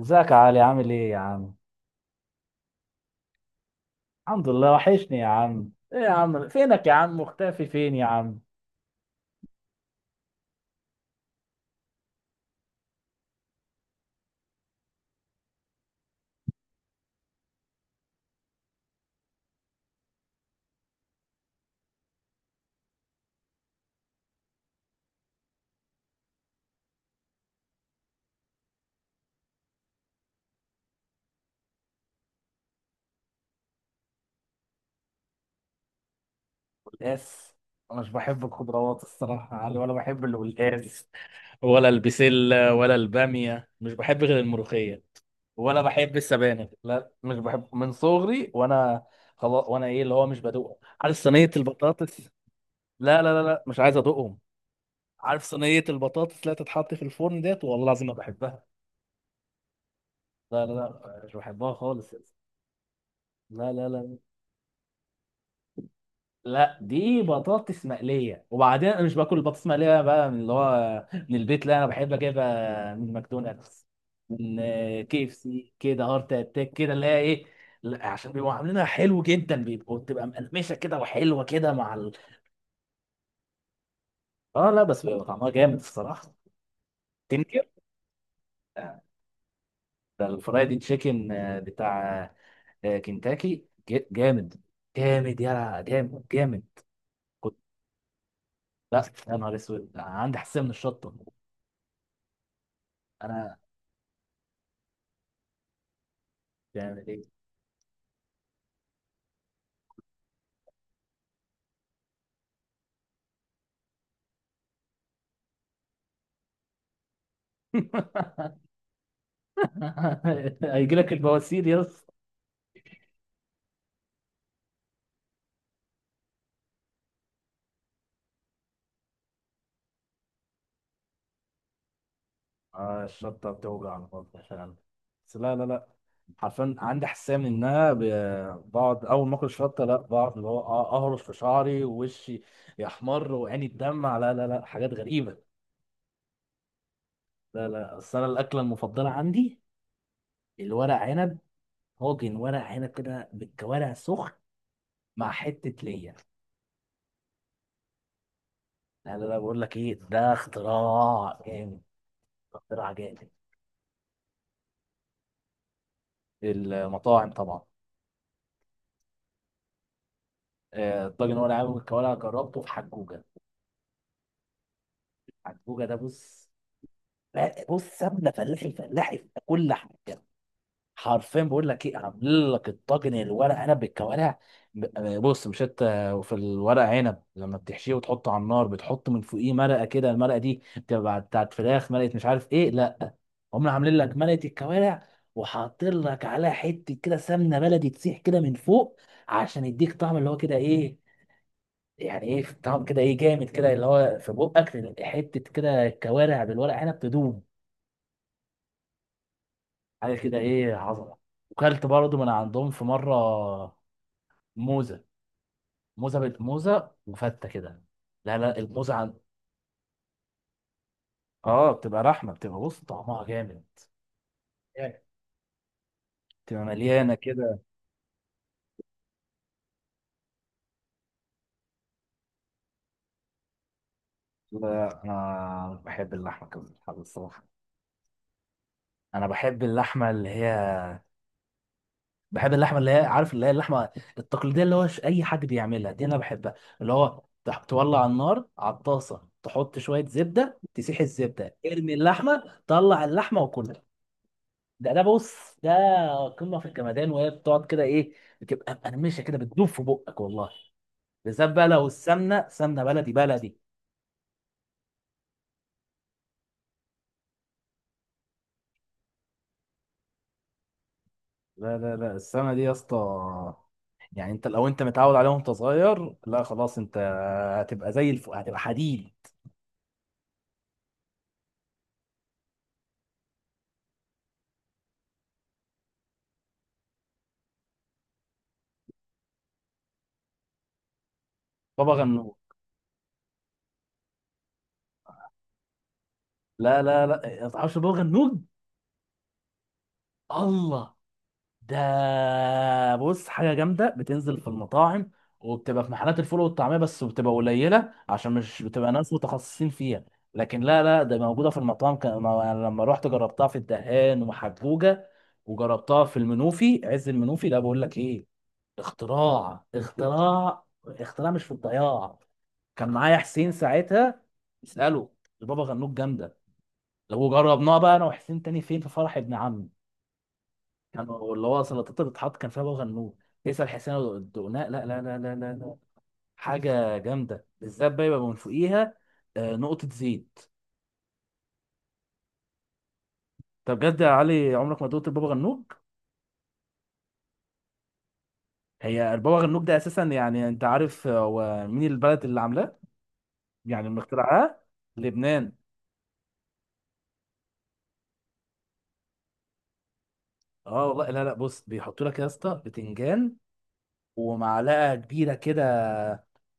ازيك يا علي عامل ايه يا عم؟ الحمد لله وحشني يا عم، ايه يا عم؟ فينك يا عم؟ مختفي فين يا عم؟ قلقاس، انا مش بحب الخضروات الصراحة يا علي ولا بحب القلقاس ولا البسلة ولا البامية، مش بحب غير الملوخية، ولا بحب السبانخ، لا مش بحب من صغري وانا خلاص. وانا ايه اللي هو مش بدوقهم. عارف صينية البطاطس؟ لا مش عايز ادوقهم. عارف صينية البطاطس لا تتحط في الفرن ديت؟ والله العظيم ما بحبها. لا مش بحبها خالص. لا لا لا لا دي بطاطس مقليه، وبعدين انا مش باكل البطاطس المقليه بقى من اللي هو من البيت. لا، انا بحب اجيبها من ماكدونالدز، من كي اف سي كده، هارت اتاك كده اللي هي ايه. لا، عشان بيبقوا عاملينها حلو جدا، بيبقوا بتبقى مقرمشه كده وحلوه كده مع ال... اه لا، بس بيبقى طعمها جامد الصراحه. تنكر، ده الفرايدي تشيكن بتاع كنتاكي جامد، جامد يا جامد جامد. كنت. لا يا نهار اسود، عندي حساسيه من الشطه. انا بتعمل ايه؟ هيجي لك البواسير يا اسطى. آه الشطه بتوجع على الفاضي فعلا، بس لا. حرفيا عندي حساسيه منها. بقعد اول ما اكل شطه، لا بقعد اللي هو اهرش في شعري ووشي، يحمر وعيني تدمع. لا حاجات غريبه. لا بس انا الاكله المفضله عندي الورق عنب، طاجن ورق عنب كده بالكوارع سخن مع حته ليا. لا بقول لك ايه، ده اختراع جامد، اختراع جامد. المطاعم طبعا. الطاجن هو اللي عامل الكوارع، جربته في حجوجه. حجوجه ده بص، لا بص، سمنه فلاحي فلاحي في كل حاجه. حرفيا بقول لك ايه، عامل لك الطاجن الورق عنب بالكوارع. بص مش انت في الورق عنب لما بتحشيه وتحطه على النار بتحط من فوقيه مرقه كده؟ المرقه دي بتبقى بتاعت فراخ، مرقه مش عارف ايه، لا. هم عاملين لك مرقه الكوارع، وحاطين لك عليها حته كده سمنه بلدي تسيح كده من فوق، عشان يديك طعم اللي هو كده ايه، يعني ايه طعم كده ايه جامد كده، اللي هو في بقك حته كده كوارع بالورق عنب تدوم، حاجه كده ايه عظمه. وكلت برضو من عندهم في مره موزه، موزه بالموزه وفته كده. لا لا الموزه عن... اه بتبقى رحمه، بتبقى بص طعمها جامد جامد. بتبقى مليانه كده. لا انا بحب اللحمه كده الصراحه. انا بحب اللحمه اللي هي، بحب اللحمه اللي هي عارف اللي هي اللحمه التقليديه، اللي هو اي حد بيعملها دي انا بحبها. اللي هو تولع النار على الطاسه، تحط شويه زبده، تسيح الزبده، ارمي اللحمه، طلع اللحمه وكلها. ده بص، ده قمه في الجمدان. وهي بتقعد كده ايه، بتبقى مقرمشه كده، بتدوب في بقك والله، بالذات بقى لو السمنه سمنه بلدي بلدي. لا السمنه دي يا اسطى، يعني انت لو انت متعود عليها وانت صغير، لا خلاص انت هتبقى زي الف... هتبقى حديد. بابا غنوج. لا ما تعرفش بابا غنوج؟ الله. ده بص حاجه جامده، بتنزل في المطاعم وبتبقى في محلات الفول والطعميه، بس بتبقى قليله عشان مش بتبقى ناس متخصصين فيها. لكن لا لا، ده موجوده في المطاعم. كان ما- لما رحت جربتها في الدهان ومحجوجه، وجربتها في المنوفي عز المنوفي. لا بقول لك ايه، اختراع اختراع اختراع مش في الضياع. كان معايا حسين ساعتها، اساله. البابا غنوج جامده. لو جربناها بقى انا وحسين تاني فين، في فرح ابن عمي، كانوا اللي هو سلطات اللي بتتحط كان فيها بابا غنوج. تسأل حسين لو دقناه. لا، حاجة جامدة، بالذات بقى يبقى من فوقيها نقطة زيت. طب بجد يا علي عمرك ما دقت البابا غنوج؟ هي البابا غنوج ده اساسا، يعني انت عارف هو مين البلد اللي عاملاه، يعني اللي مخترعاه؟ لبنان. اه والله. لا لا بص، بيحطوا لك يا اسطى بتنجان ومعلقة كبيرة كده،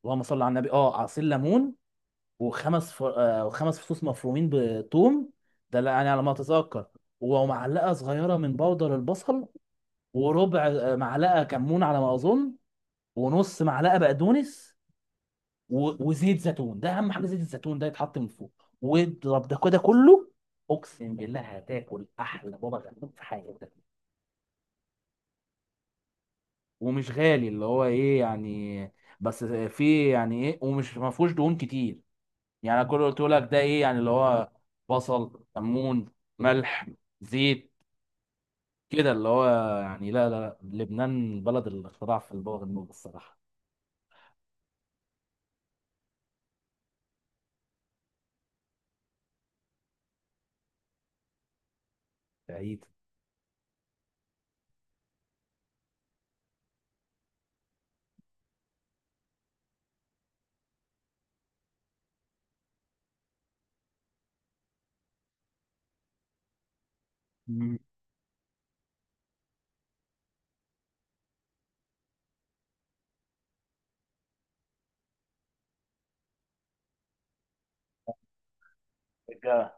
اللهم صل على النبي، اه عصير ليمون، وخمس ف... وخمس فصوص مفرومين بثوم. ده لا- يعني على ما اتذكر. ومعلقه صغيره من بودر البصل، وربع معلقه كمون على ما اظن، ونص معلقه بقدونس، و... وزيت زيتون، ده اهم حاجه زيت الزيتون ده يتحط من فوق. واضرب ده كده كله، اقسم بالله هتاكل احلى بابا غنوج في حياتك. ومش غالي اللي هو ايه يعني، بس في يعني ايه، ومش ما فيهوش دهون كتير. يعني كل اللي قلته لك ده ايه، يعني اللي هو بصل، كمون، ملح، زيت كده اللي هو يعني. لا لبنان بلد الاختراع في البوغ الموج الصراحه. بعيد. مم. بتجوع.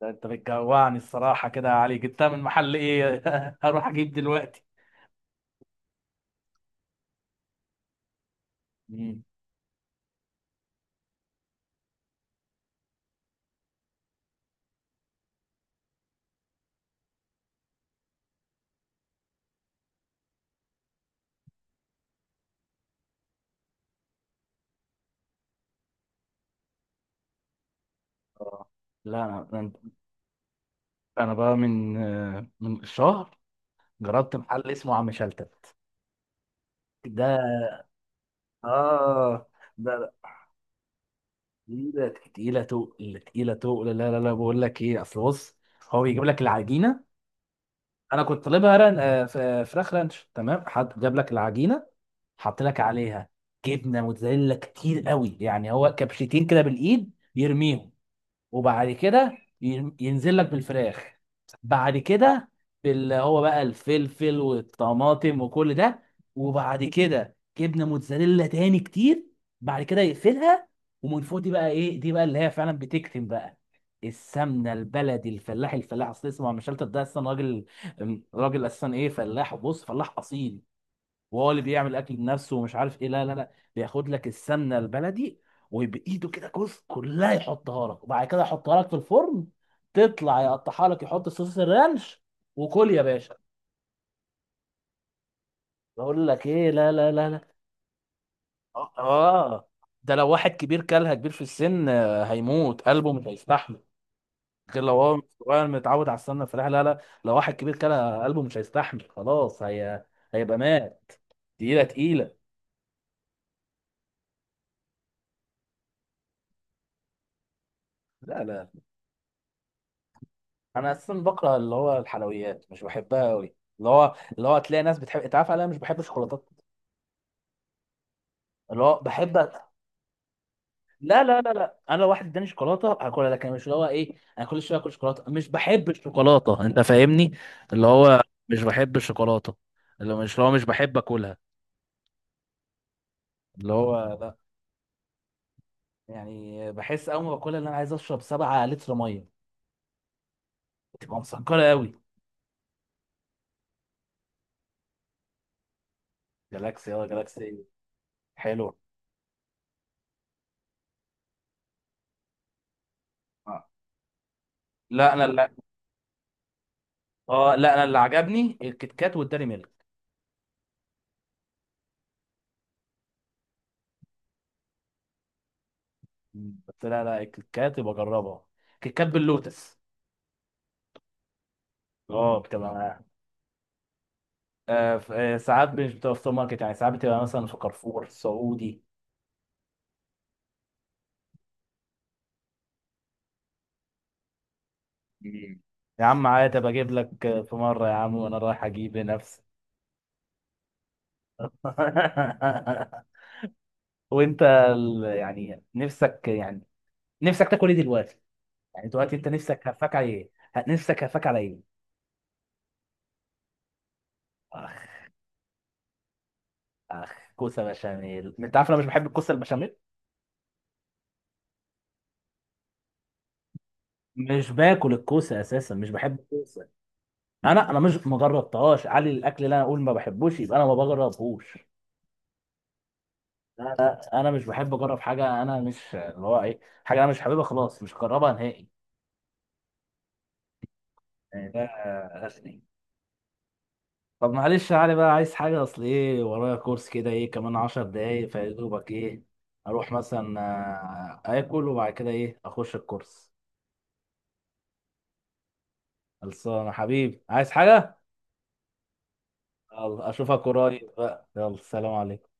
ده انت بتجوعني الصراحه كده يا علي. جبتها من محل ايه؟ هروح اجيب دلوقتي. مم. آه. لا انا انا بقى من من شهر جربت محل اسمه عم شلتت. ده اه، ده تقيلة تقيلة تقل تقيلة تقل. لا بقول لك ايه اصل بص، هو بيجيب لك العجينة. انا كنت طالبها ران... فراخ رانش تمام. حد جاب لك العجينة، حط لك عليها جبنة موتزاريلا كتير قوي، يعني هو كبشتين كده بالايد بيرميهم. وبعد كده ينزل لك بالفراخ. بعد كده هو بقى الفلفل والطماطم وكل ده. وبعد كده جبنه موتزاريلا تاني كتير. بعد كده يقفلها. ومن فوق دي بقى ايه، دي بقى اللي هي فعلا بتكتم بقى، السمنه البلدي. الفلاح الفلاح اصل اسمه، مش ده اصلا راجل، راجل اساسا ايه فلاح، وبص فلاح اصيل، وهو اللي بيعمل اكل بنفسه ومش عارف ايه. لا بياخد لك السمنه البلدي، وبايده كده جزء كلها يحطها لك، وبعد كده يحطها لك في الفرن. تطلع يقطعها لك، يحط صوص الرانش، وكل يا باشا. بقول لك ايه لا. اه آه. ده لو واحد كبير كلها، كبير في السن، هيموت، قلبه مش هيستحمل. غير لو هو صغير متعود على السمنه الفلاحي. لا لا، لو واحد كبير كلها قلبه مش هيستحمل، خلاص هي هيبقى مات. تقيله تقيله. لا لا، انا اساسا بكره اللي هو الحلويات، مش بحبها قوي. اللي هو اللي هو تلاقي ناس بتحب، انت عارف انا مش بحب الشوكولاتات. اللي هو بحب. لا انا لو واحد اداني شوكولاته هاكلها، لكن مش اللي هو ايه انا كل شويه اكل شوكولاته. مش بحب الشوكولاته، انت فاهمني؟ اللي هو مش بحب الشوكولاته. اللي هو مش، اللي هو مش بحب اكلها. اللي هو لا، يعني بحس اول ما باكلها ان انا عايز اشرب 7 لتر ميه، بتبقى مسكره قوي. جالاكسي، اه جالاكسي. حلو. آه. لا انا لا. اه لا انا اللي عجبني الكيت كات والداري ميلك. مم. قلت لها لا الكيكات يبقى جربها، كيكات باللوتس. اه مم. بتبقى ساعات مش بتبقى في سوبر ماركت، يعني ساعات بتبقى مثلا في كارفور سعودي. مم. يا عم عادي ابقى اجيب لك في مره يا عم وانا رايح اجيب لنفسي. وانت يعني نفسك، يعني نفسك تاكل ايه دلوقتي؟ يعني دلوقتي انت نفسك هفاك على ايه؟ نفسك هفاك على ايه؟ اخ. اخ كوسه بشاميل، انت عارف انا مش بحب الكوسه البشاميل؟ مش باكل الكوسه اساسا، مش بحب الكوسه. انا مش ما جربتهاش، علي الاكل اللي انا اقول ما بحبوش يبقى انا ما بجربهوش. لا لا انا مش بحب اجرب حاجه، انا مش اللي هو ايه، حاجه انا مش حاببها خلاص مش هجربها نهائي. يعني ده غشني. طب معلش يا علي بقى، عايز حاجه؟ اصل ايه، ورايا كورس كده ايه كمان عشر دقايق، فيا دوبك ايه اروح مثلا اكل وبعد كده ايه اخش الكورس. خلصانه حبيبي، عايز حاجه؟ يلا، اشوفك قريب بقى. يلا سلام عليكم.